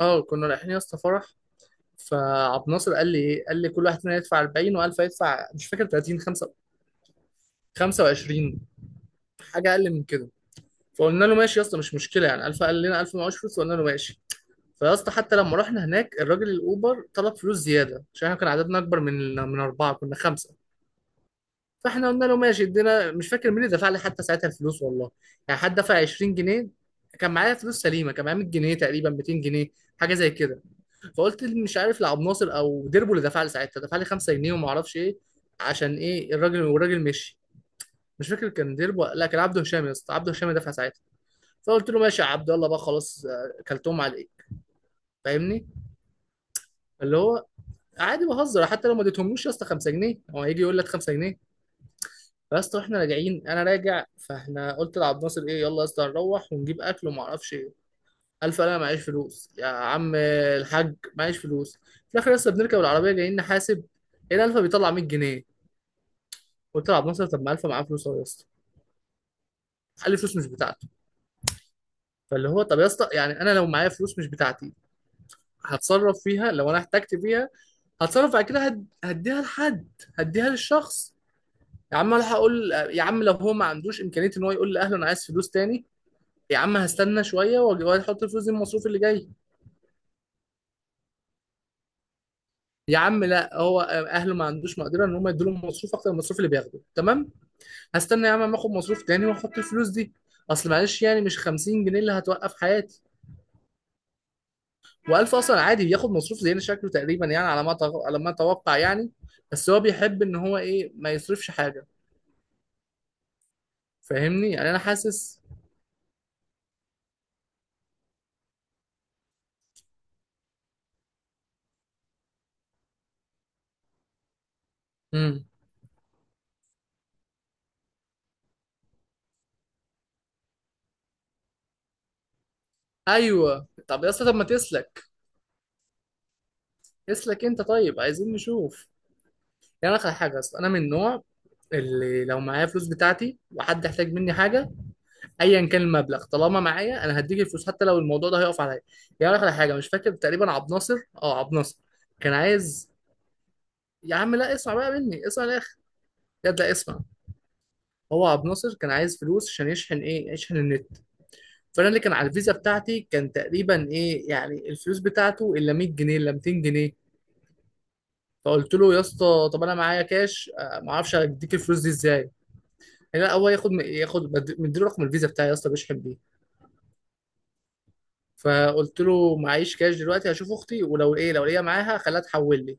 اه كنا رايحين يا اسطى فرح. فعبد الناصر قال لي ايه، قال لي كل واحد فينا يدفع 40 و1000 يدفع، مش فاكر 30 5 25، حاجه اقل من كده. فقلنا له ماشي يا اسطى مش مشكله، يعني 1000. قال لنا 1000 معوش فلوس، وقلنا له ماشي. فيا اسطى حتى لما رحنا هناك الراجل الاوبر طلب فلوس زياده عشان احنا كان عددنا اكبر من اربعه، كنا خمسه. فاحنا قلنا له ماشي، ادينا مش فاكر مين اللي دفع لي حتى ساعتها الفلوس والله، يعني حد دفع 20 جنيه. كان معايا فلوس سليمه، كان معايا 100 جنيه تقريبا، 200 جنيه، حاجه زي كده. فقلت مش عارف لعب ناصر او ديربو اللي دفع لي ساعتها، دفع لي 5 جنيه وما اعرفش ايه عشان ايه الراجل، والراجل مشي. مش فاكر كان ديربو، لا كان عبده هشام يا اسطى، عبده هشام اللي دفع ساعتها. فقلت له ماشي يا عبد الله بقى خلاص كلتهم على ايه. فاهمني. اللي هو عادي بهزر، حتى لو ما اديتهملوش يا اسطى 5 جنيه هو هيجي يقول لك 5 جنيه. فيا اسطى احنا راجعين، انا راجع، فاحنا قلت لعبد ناصر ايه، يلا يا اسطى نروح ونجيب اكل وما اعرفش ايه. ألف أنا معيش فلوس يا عم الحاج، معيش فلوس في الآخر، لسه بنركب العربية جايين نحاسب هنا، ألفا بيطلع 100 جنيه. قلت له عبد الناصر طب ما ألفا معاه فلوس أهو يا اسطى. قال لي فلوس مش بتاعته. فاللي هو طب يا اسطى، يعني أنا لو معايا فلوس مش بتاعتي هتصرف فيها لو أنا احتجت فيها. هتصرف بعد كده، هديها لحد، هديها للشخص. يا عم أنا هقول يا عم، لو هو ما عندوش إمكانية إن هو يقول لأهله أنا عايز فلوس تاني، يا عم هستنى شوية وأحط الفلوس دي من المصروف اللي جاي. يا عم لا هو اهله ما عندوش مقدره ان هم يدوا له مصروف اكتر من المصروف اللي بياخده، تمام. هستنى يا عم ما اخد مصروف تاني واحط الفلوس دي. اصل معلش، يعني مش 50 جنيه اللي هتوقف حياتي. و1000 اصلا عادي بياخد مصروف زينا شكله تقريبا، يعني على ما اتوقع يعني. بس هو بيحب ان هو ايه، ما يصرفش حاجه. فاهمني، يعني انا حاسس. امم ايوه طب يا اسطى، طب ما تسلك، اسلك انت طيب، عايزين نشوف. يعني انا حاجه اصلا، انا من النوع اللي لو معايا فلوس بتاعتي وحد احتاج مني حاجه، ايا كان المبلغ طالما معايا انا هديك الفلوس حتى لو الموضوع ده هيقف عليا. يعني اقول لك على حاجه، مش فاكر تقريبا عبد ناصر، اه عبد ناصر كان عايز. يا عم لا اسمع بقى مني، اسمع الاخر. ياد لا اسمع. هو عبد ناصر كان عايز فلوس عشان يشحن ايه، يشحن النت. فانا اللي كان على الفيزا بتاعتي كان تقريبا ايه، يعني الفلوس بتاعته الا 100 جنيه الا 200 جنيه. فقلت له يا اسطى طب انا معايا كاش ما اعرفش اديك الفلوس دي ازاي. لا هو ياخد، ياخد مديله رقم الفيزا بتاعي يا اسطى، بيشحن بيه. فقلت له معيش كاش دلوقتي، هشوف اختي ولو ايه، لو ليا معاها خليها تحول لي.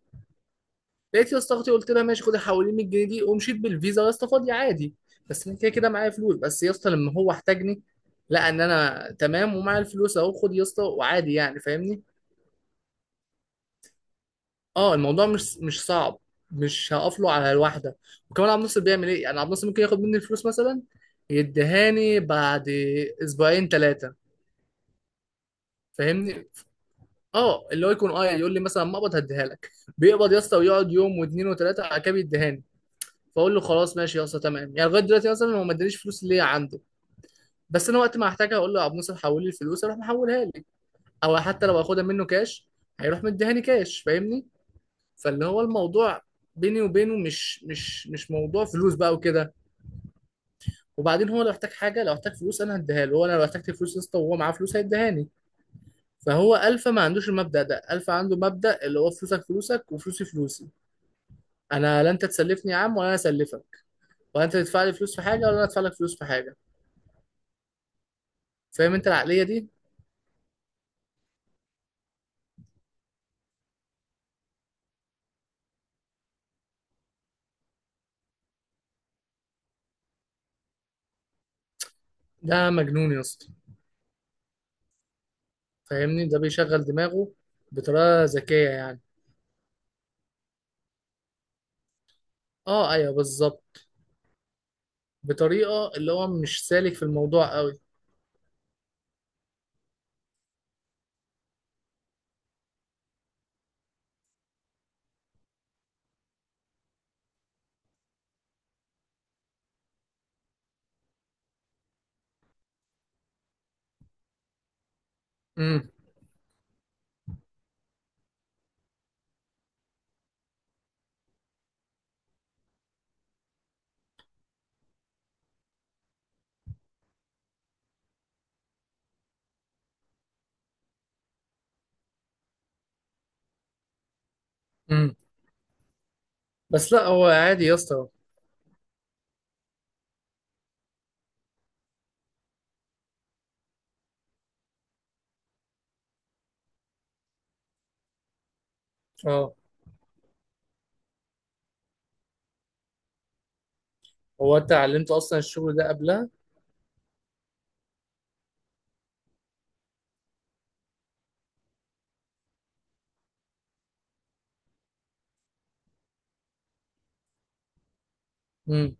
لقيت يا اسطى اختي، قلت لها ماشي خدي حولي 100 جنيه دي، ومشيت بالفيزا يا اسطى فاضي عادي. بس انا كده كده معايا فلوس، بس يا اسطى لما هو احتاجني لقى ان انا تمام ومعايا الفلوس، اهو خد يا اسطى، وعادي يعني فاهمني. اه الموضوع مش صعب. مش هقف له على الواحده. وكمان عبد الناصر بيعمل ايه، يعني عبد الناصر ممكن ياخد مني الفلوس مثلا يديهاني بعد اسبوعين ثلاثه. فاهمني، اه اللي هو يكون اه، يعني يقول لي مثلا مقبض هديها لك. بيقبض يا اسطى، ويقعد يوم واثنين وثلاثه على كاب يديهاني. فاقول له خلاص ماشي يا اسطى تمام، يعني لغايه دلوقتي مثلا هو ما ادانيش فلوس اللي هي عنده. بس انا وقت ما هحتاجها، اقول له يا عبد الناصر حول لي الفلوس، اروح محولها لي. او حتى لو اخدها منه كاش هيروح مديهاني كاش فاهمني. فاللي هو الموضوع بيني وبينه مش موضوع فلوس بقى وكده. وبعدين هو لو احتاج حاجه، لو احتاج فلوس انا هديها له، وانا لو احتجت فلوس يا اسطى وهو معاه فلوس هيديهاني. فهو الفا ما عندوش المبدأ ده، الفا عنده مبدأ اللي هو، فلوسك فلوسك وفلوسي فلوسي. انا لا انت تسلفني يا عم ولا انا اسلفك، ولا انت تدفع لي فلوس في حاجه ولا انا ادفع لك فلوس في حاجه. فاهم انت العقليه دي؟ ده مجنون يا اسطى. فاهمني، ده بيشغل دماغه بطريقه ذكيه يعني. اه ايوه بالظبط، بطريقه اللي هو مش سالك في الموضوع قوي. امم امم بس لا هو عادي يا اسطى. اه هو انت علمت اصلا الشغل ده قبلها؟ امم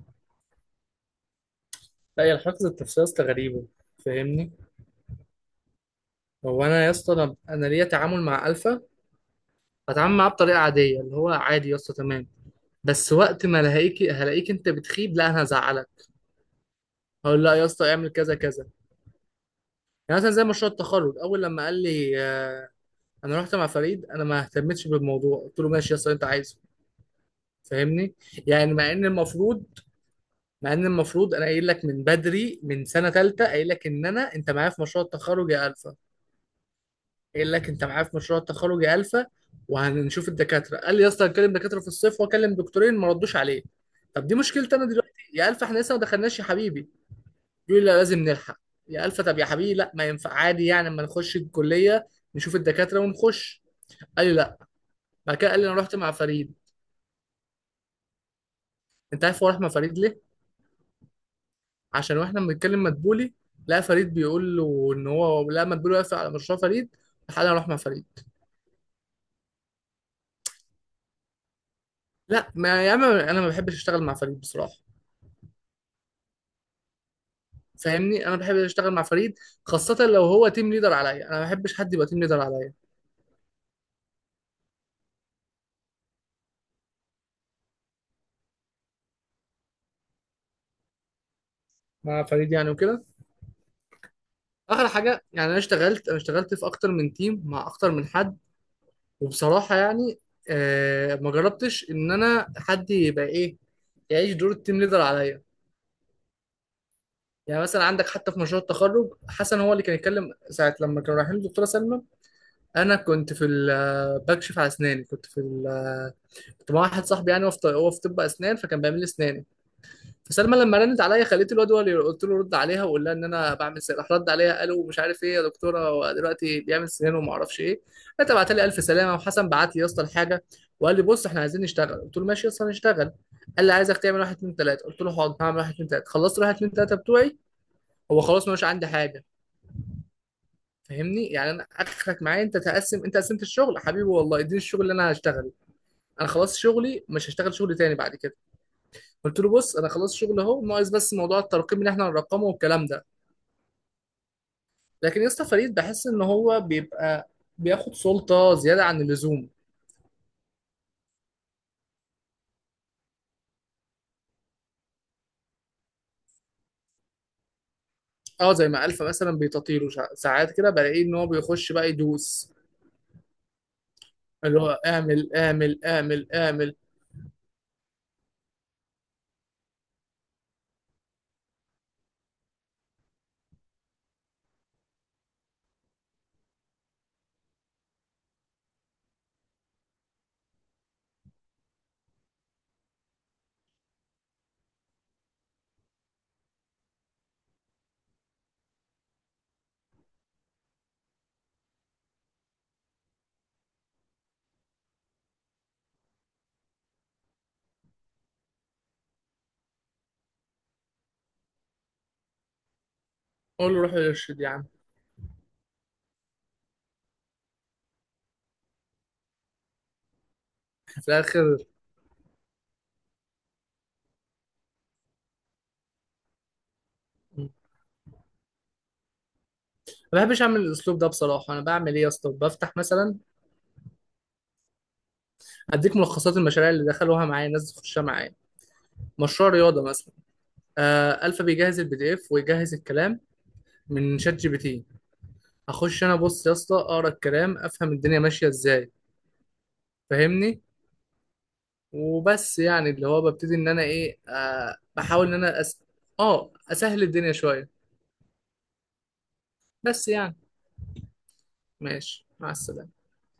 لا هي الحفظ التفسير يا اسطى غريبه. فاهمني، هو انا يا اسطى، انا ليا تعامل مع الفا هتعامل معاه بطريقه عاديه اللي هو عادي يا اسطى تمام. بس وقت ما الاقيك هلاقيك انت بتخيب، لا انا هزعلك، هقول لا يا اسطى اعمل كذا كذا. يعني مثلا زي مشروع التخرج، اول لما قال لي انا رحت مع فريد، انا ما اهتمتش بالموضوع، قلت له ماشي يا اسطى اللي انت عايزه. فاهمني، يعني مع ان المفروض، مع ان المفروض انا قايل لك من بدري من سنه ثالثه، قايل لك ان انا انت معايا في مشروع التخرج يا الفا. قايل لك انت معايا في مشروع التخرج يا الفا وهنشوف الدكاتره. قال لي يا اسطى هكلم دكاتره في الصيف، واكلم دكتورين ما ردوش عليه. طب دي مشكلتي انا دلوقتي يا الفا، احنا لسه ما دخلناش يا حبيبي. يقول لي لا لازم نلحق. يا الفا طب يا حبيبي لا، ما ينفع عادي يعني، اما نخش الكليه نشوف الدكاتره ونخش. قال لي لا. بعد كده قال لي انا رحت مع فريد. انت عارف هو راح مع فريد ليه؟ عشان واحنا بنتكلم مدبولي، لقى فريد بيقول له ان هو لا، مدبولي واقف على مشروع فريد، لحد اروح مع فريد. لا ما يا عم انا ما بحبش اشتغل مع فريد بصراحه. فاهمني، انا بحب اشتغل مع فريد، خاصه لو هو تيم ليدر عليا انا ما بحبش حد يبقى تيم ليدر عليا. مع فريد يعني وكده. اخر حاجه يعني، انا اشتغلت، انا اشتغلت في اكتر من تيم مع اكتر من حد. وبصراحة يعني ما جربتش إن أنا حد يبقى إيه، يعيش دور التيم ليدر عليا. يعني مثلا عندك حتى في مشروع التخرج، حسن هو اللي كان يتكلم ساعة لما كانوا رايحين للدكتورة سلمى. أنا كنت في ال- آه، بكشف على أسناني، كنت في ال- آه، كنت مع واحد صاحبي، يعني هو هو في طب أسنان، فكان بيعمل لي أسناني. فسلمى لما رنت عليا خليت الواد هو اللي، قلت له رد عليها وقول لها ان انا بعمل سنان. راح رد عليا قالوا مش عارف ايه يا دكتوره هو دلوقتي بيعمل سنان وما اعرفش ايه. انت بعت لي الف سلامه، وحسن بعت لي يا اسطى الحاجه وقال لي بص احنا عايزين نشتغل. قلت له ماشي يا اسطى هنشتغل. قال لي عايزك تعمل واحد اتنين تلاته. قلت له حاضر هعمل واحد اتنين تلاته. خلصت واحد اتنين تلاته بتوعي. هو خلاص مش عندي حاجه. فاهمني، يعني انا اخرك معايا انت تقسم، انت قسمت الشغل حبيبي والله اديني الشغل اللي انا هشتغله. انا خلاص شغلي، مش هشتغل شغل تاني بعد كده. قلت له بص انا خلاص شغل اهو، ناقص بس موضوع الترقيم اللي احنا هنرقمه والكلام ده. لكن يا اسطى فريد بحس ان هو بيبقى بياخد سلطه زياده عن اللزوم. اه زي ما الفا مثلا بيتطيره ساعات كده بلاقيه ان هو بيخش بقى يدوس، اللي هو اعمل اعمل اعمل اعمل. اقول له روح ارشد يا عم. في الاخر ما بحبش اعمل الاسلوب ده بصراحه. انا بعمل ايه يا اسطى، بفتح مثلا هديك ملخصات المشاريع اللي دخلوها معايا، الناس تخشها معايا. مشروع رياضه مثلا، آه الفا بيجهز البي دي اف ويجهز الكلام من شات جي بي تي. هخش انا بص يا اسطى اقرا الكلام افهم الدنيا ماشيه ازاي. فاهمني، وبس يعني اللي هو ببتدي ان انا ايه، آه بحاول ان انا أس... اه اسهل الدنيا شوية. بس يعني ماشي مع السلامة.